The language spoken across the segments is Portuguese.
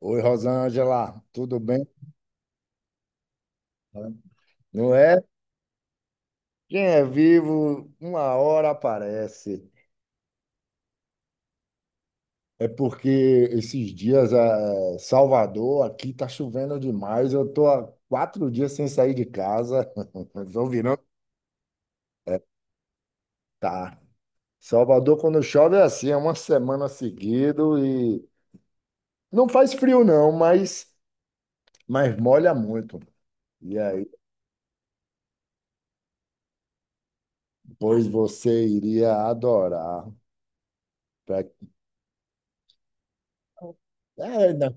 Oi, Rosângela, tudo bem? Não é? Quem é vivo, uma hora aparece. É porque esses dias, Salvador, aqui tá chovendo demais. Eu tô há 4 dias sem sair de casa. Estou virando. Tá. Salvador, quando chove, é assim, é uma semana seguido e não faz frio, não, mas molha muito. E aí, pois você iria adorar. Pra- É, né?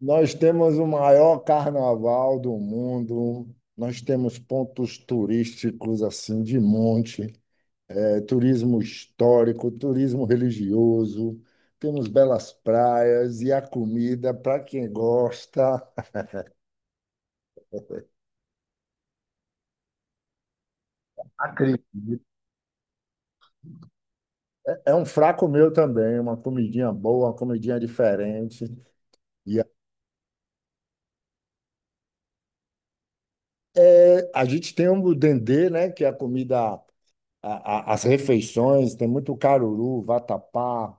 Nós temos o maior carnaval do mundo, nós temos pontos turísticos assim de monte, turismo histórico, turismo religioso, temos belas praias e a comida, para quem gosta, acredita. É um fraco meu também, uma comidinha boa, uma comidinha diferente. E é, a gente tem o dendê, né, que é a comida, as refeições, tem muito caruru, vatapá,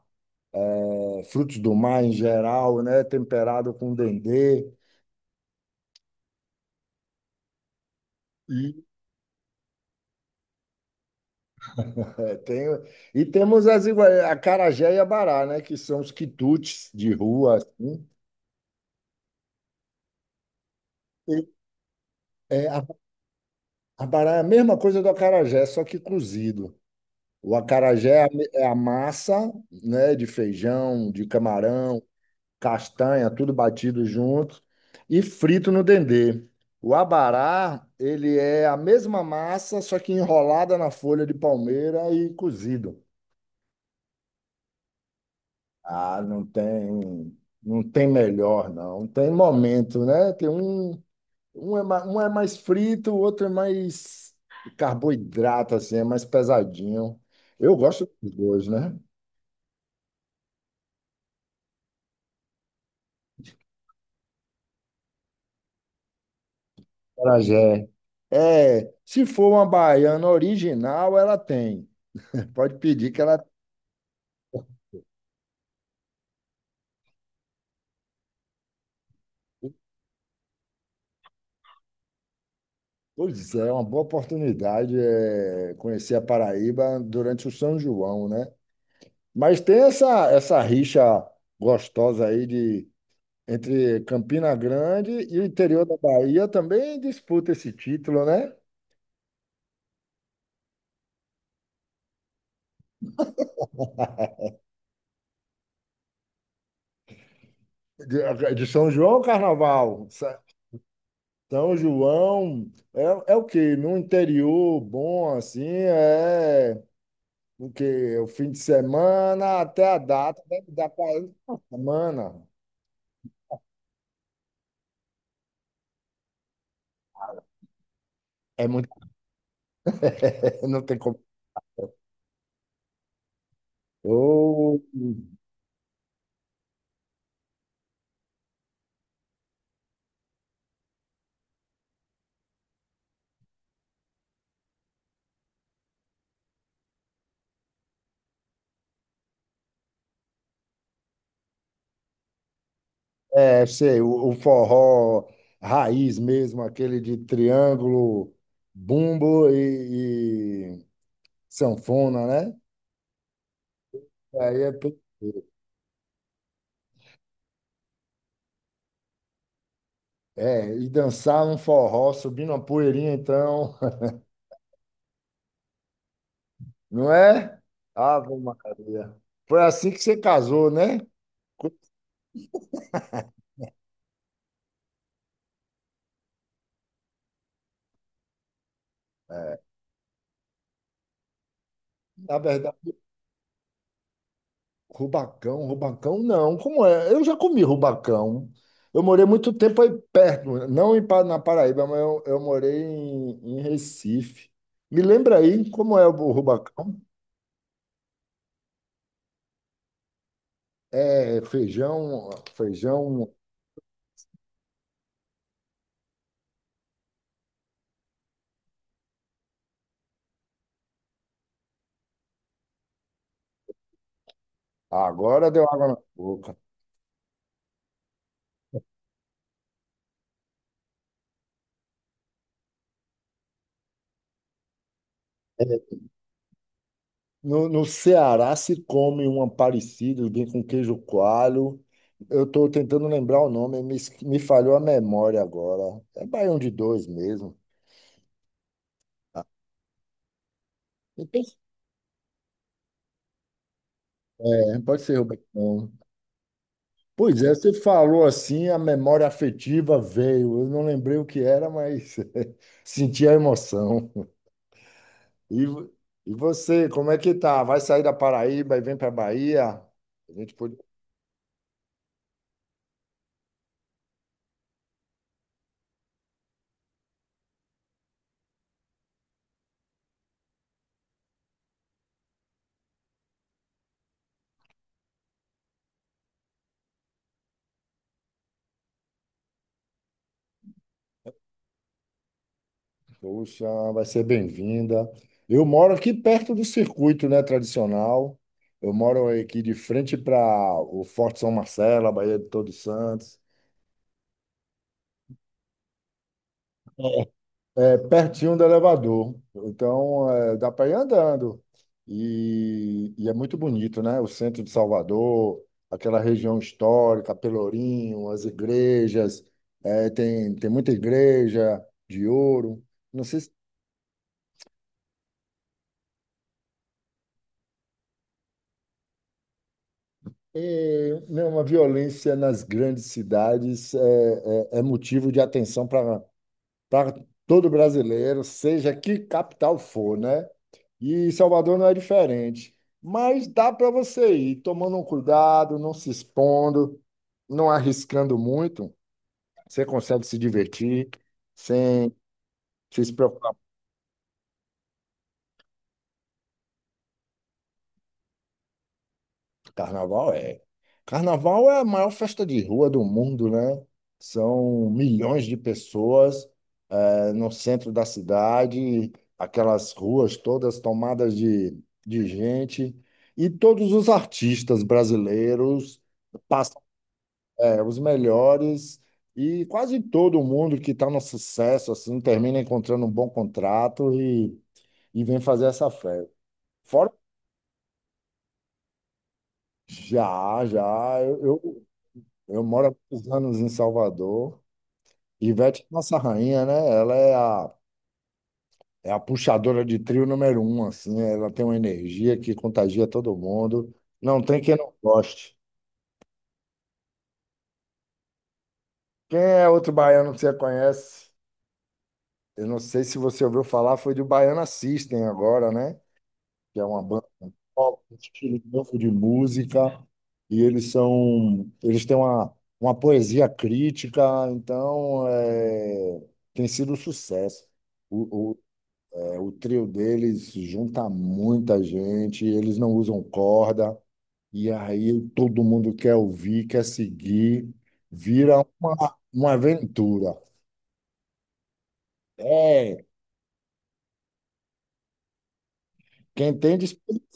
Frutos do mar em geral, né? Temperado com dendê. E, tem, e temos as acarajé e abará, né? Que são os quitutes de rua, assim. E, é, a- Abará é a mesma coisa do acarajé, só que cozido. O acarajé é a massa, né? De feijão, de camarão, castanha, tudo batido junto e frito no dendê. O abará, ele é a mesma massa, só que enrolada na folha de palmeira e cozido. Ah, não tem melhor, não. Tem momento, né? Um é mais frito, o outro é mais carboidrato, assim, é mais pesadinho. Eu gosto dos dois, né? Acarajé. É, se for uma baiana original, ela tem. Pode pedir que ela. Pois é, é uma boa oportunidade, conhecer a Paraíba durante o São João, né? Mas tem essa rixa gostosa aí de entre Campina Grande e o interior da Bahia também disputa esse título, né? De São João ao Carnaval. São João é o quê? No interior bom, assim, é o quê? É o fim de semana até a data, deve dar para uma semana. É muito. Não tem como. Ou, é, sei, o forró raiz mesmo, aquele de triângulo, bumbo e, sanfona, né? Aí é, pe- é, e dançar um forró, subir uma poeirinha, então, não é? Ave Maria. Foi assim que você casou, né? Na verdade, rubacão, rubacão não. Como é? Eu já comi rubacão. Eu morei muito tempo aí perto, não em na Paraíba, mas eu morei em Recife. Me lembra aí como é o rubacão? É feijão, feijão. Agora deu água na boca. É, no Ceará se come um parecido, bem com queijo coalho. Eu estou tentando lembrar o nome, me falhou a memória agora. É baião de dois mesmo. Ah, então, pode ser rubacão. Pois é, você falou assim, a memória afetiva veio. Eu não lembrei o que era, mas senti a emoção. E, vo- e você, como é que tá? Vai sair da Paraíba e vem para Bahia? A gente pode. Poxa, vai ser bem-vinda. Eu moro aqui perto do circuito, né, tradicional. Eu moro aqui de frente para o Forte São Marcelo, a Baía de Todos Santos, é pertinho do elevador. Então, dá para ir andando. E é muito bonito, né? O centro de Salvador, aquela região histórica, Pelourinho, as igrejas. Tem muita igreja de ouro. Não sei se. É, não, a violência nas grandes cidades é motivo de atenção para todo brasileiro, seja que capital for, né? E Salvador não é diferente. Mas dá para você ir tomando um cuidado, não se expondo, não arriscando muito. Você consegue se divertir sem se preocupar. Carnaval é. Carnaval é a maior festa de rua do mundo, né? São milhões de pessoas, no centro da cidade, aquelas ruas todas tomadas de gente, e todos os artistas brasileiros passam, os melhores, e quase todo mundo que está no sucesso assim termina encontrando um bom contrato e vem fazer essa festa. Fora. Já, já, eu moro há muitos anos em Salvador. Ivete é nossa rainha, né? Ela é a É a puxadora de trio número um, assim, ela tem uma energia que contagia todo mundo. Não tem quem não goste. Quem é outro baiano que você conhece? Eu não sei se você ouviu falar, foi do Baiana System agora, né? Que é uma banda pop, um estilo novo de música, e eles têm uma poesia crítica, então, tem sido um sucesso. O, o, o trio deles junta muita gente, eles não usam corda. E aí todo mundo quer ouvir, quer seguir, vira uma aventura. É, quem tem de experimentar.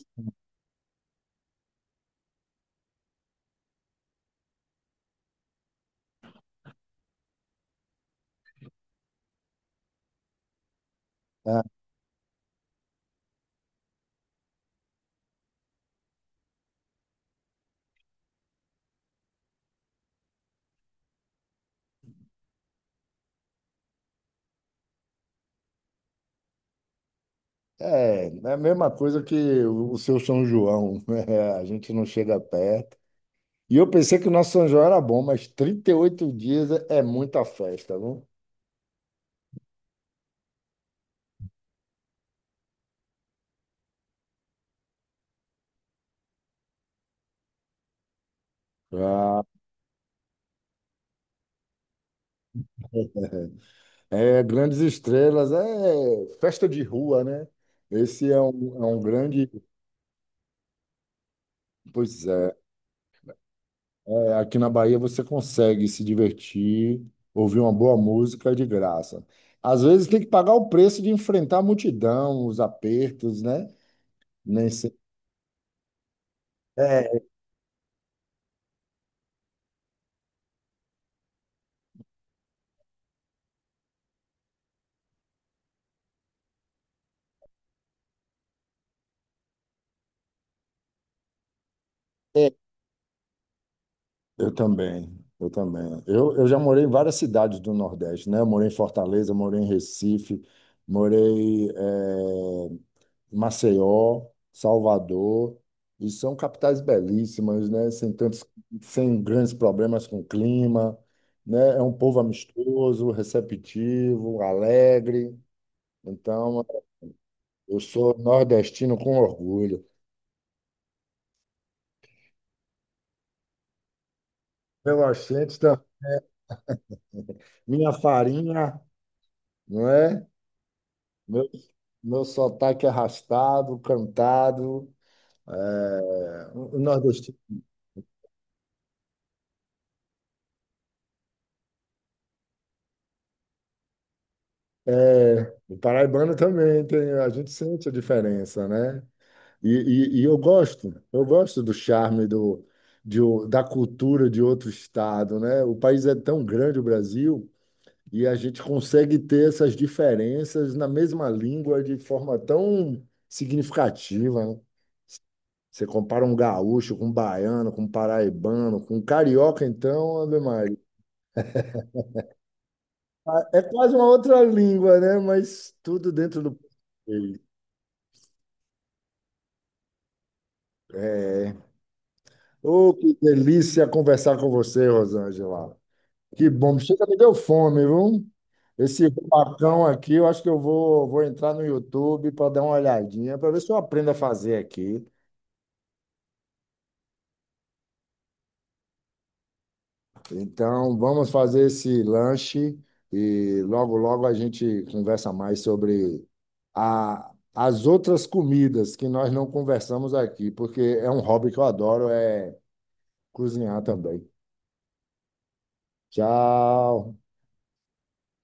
É a mesma coisa que o seu São João, a gente não chega perto. E eu pensei que o nosso São João era bom, mas 38 dias é muita festa, não? Ah, grandes estrelas, é festa de rua, né? Esse é um grande. Pois é. É, aqui na Bahia você consegue se divertir, ouvir uma boa música de graça. Às vezes tem que pagar o preço de enfrentar a multidão, os apertos, né? Nem sempre. É, é, eu também, eu também. Eu já morei em várias cidades do Nordeste, né? Eu morei em Fortaleza, morei em Recife, morei Maceió, Salvador, e são capitais belíssimas, né? Sem grandes problemas com o clima, né? É um povo amistoso, receptivo, alegre. Então, eu sou nordestino com orgulho. Meu acento, está minha farinha, não é? Meu, meu sotaque é arrastado, cantado. É, o nordestino. É, o paraibano também tem, a gente sente a diferença, né? E, e eu gosto do charme da cultura de outro estado, né? O país é tão grande, o Brasil, e a gente consegue ter essas diferenças na mesma língua de forma tão significativa, né? Você compara um gaúcho com um baiano, com um paraibano, com um carioca, então, Ave Maria. Ah, é quase uma outra língua, né? Mas tudo dentro do português. É. Oh, que delícia conversar com você, Rosângela. Que bom, chega, me deu fome, viu? Esse rubacão aqui, eu acho que eu vou entrar no YouTube para dar uma olhadinha, para ver se eu aprendo a fazer aqui. Então, vamos fazer esse lanche e logo, logo a gente conversa mais sobre as outras comidas que nós não conversamos aqui, porque é um hobby que eu adoro, é cozinhar também. Tchau!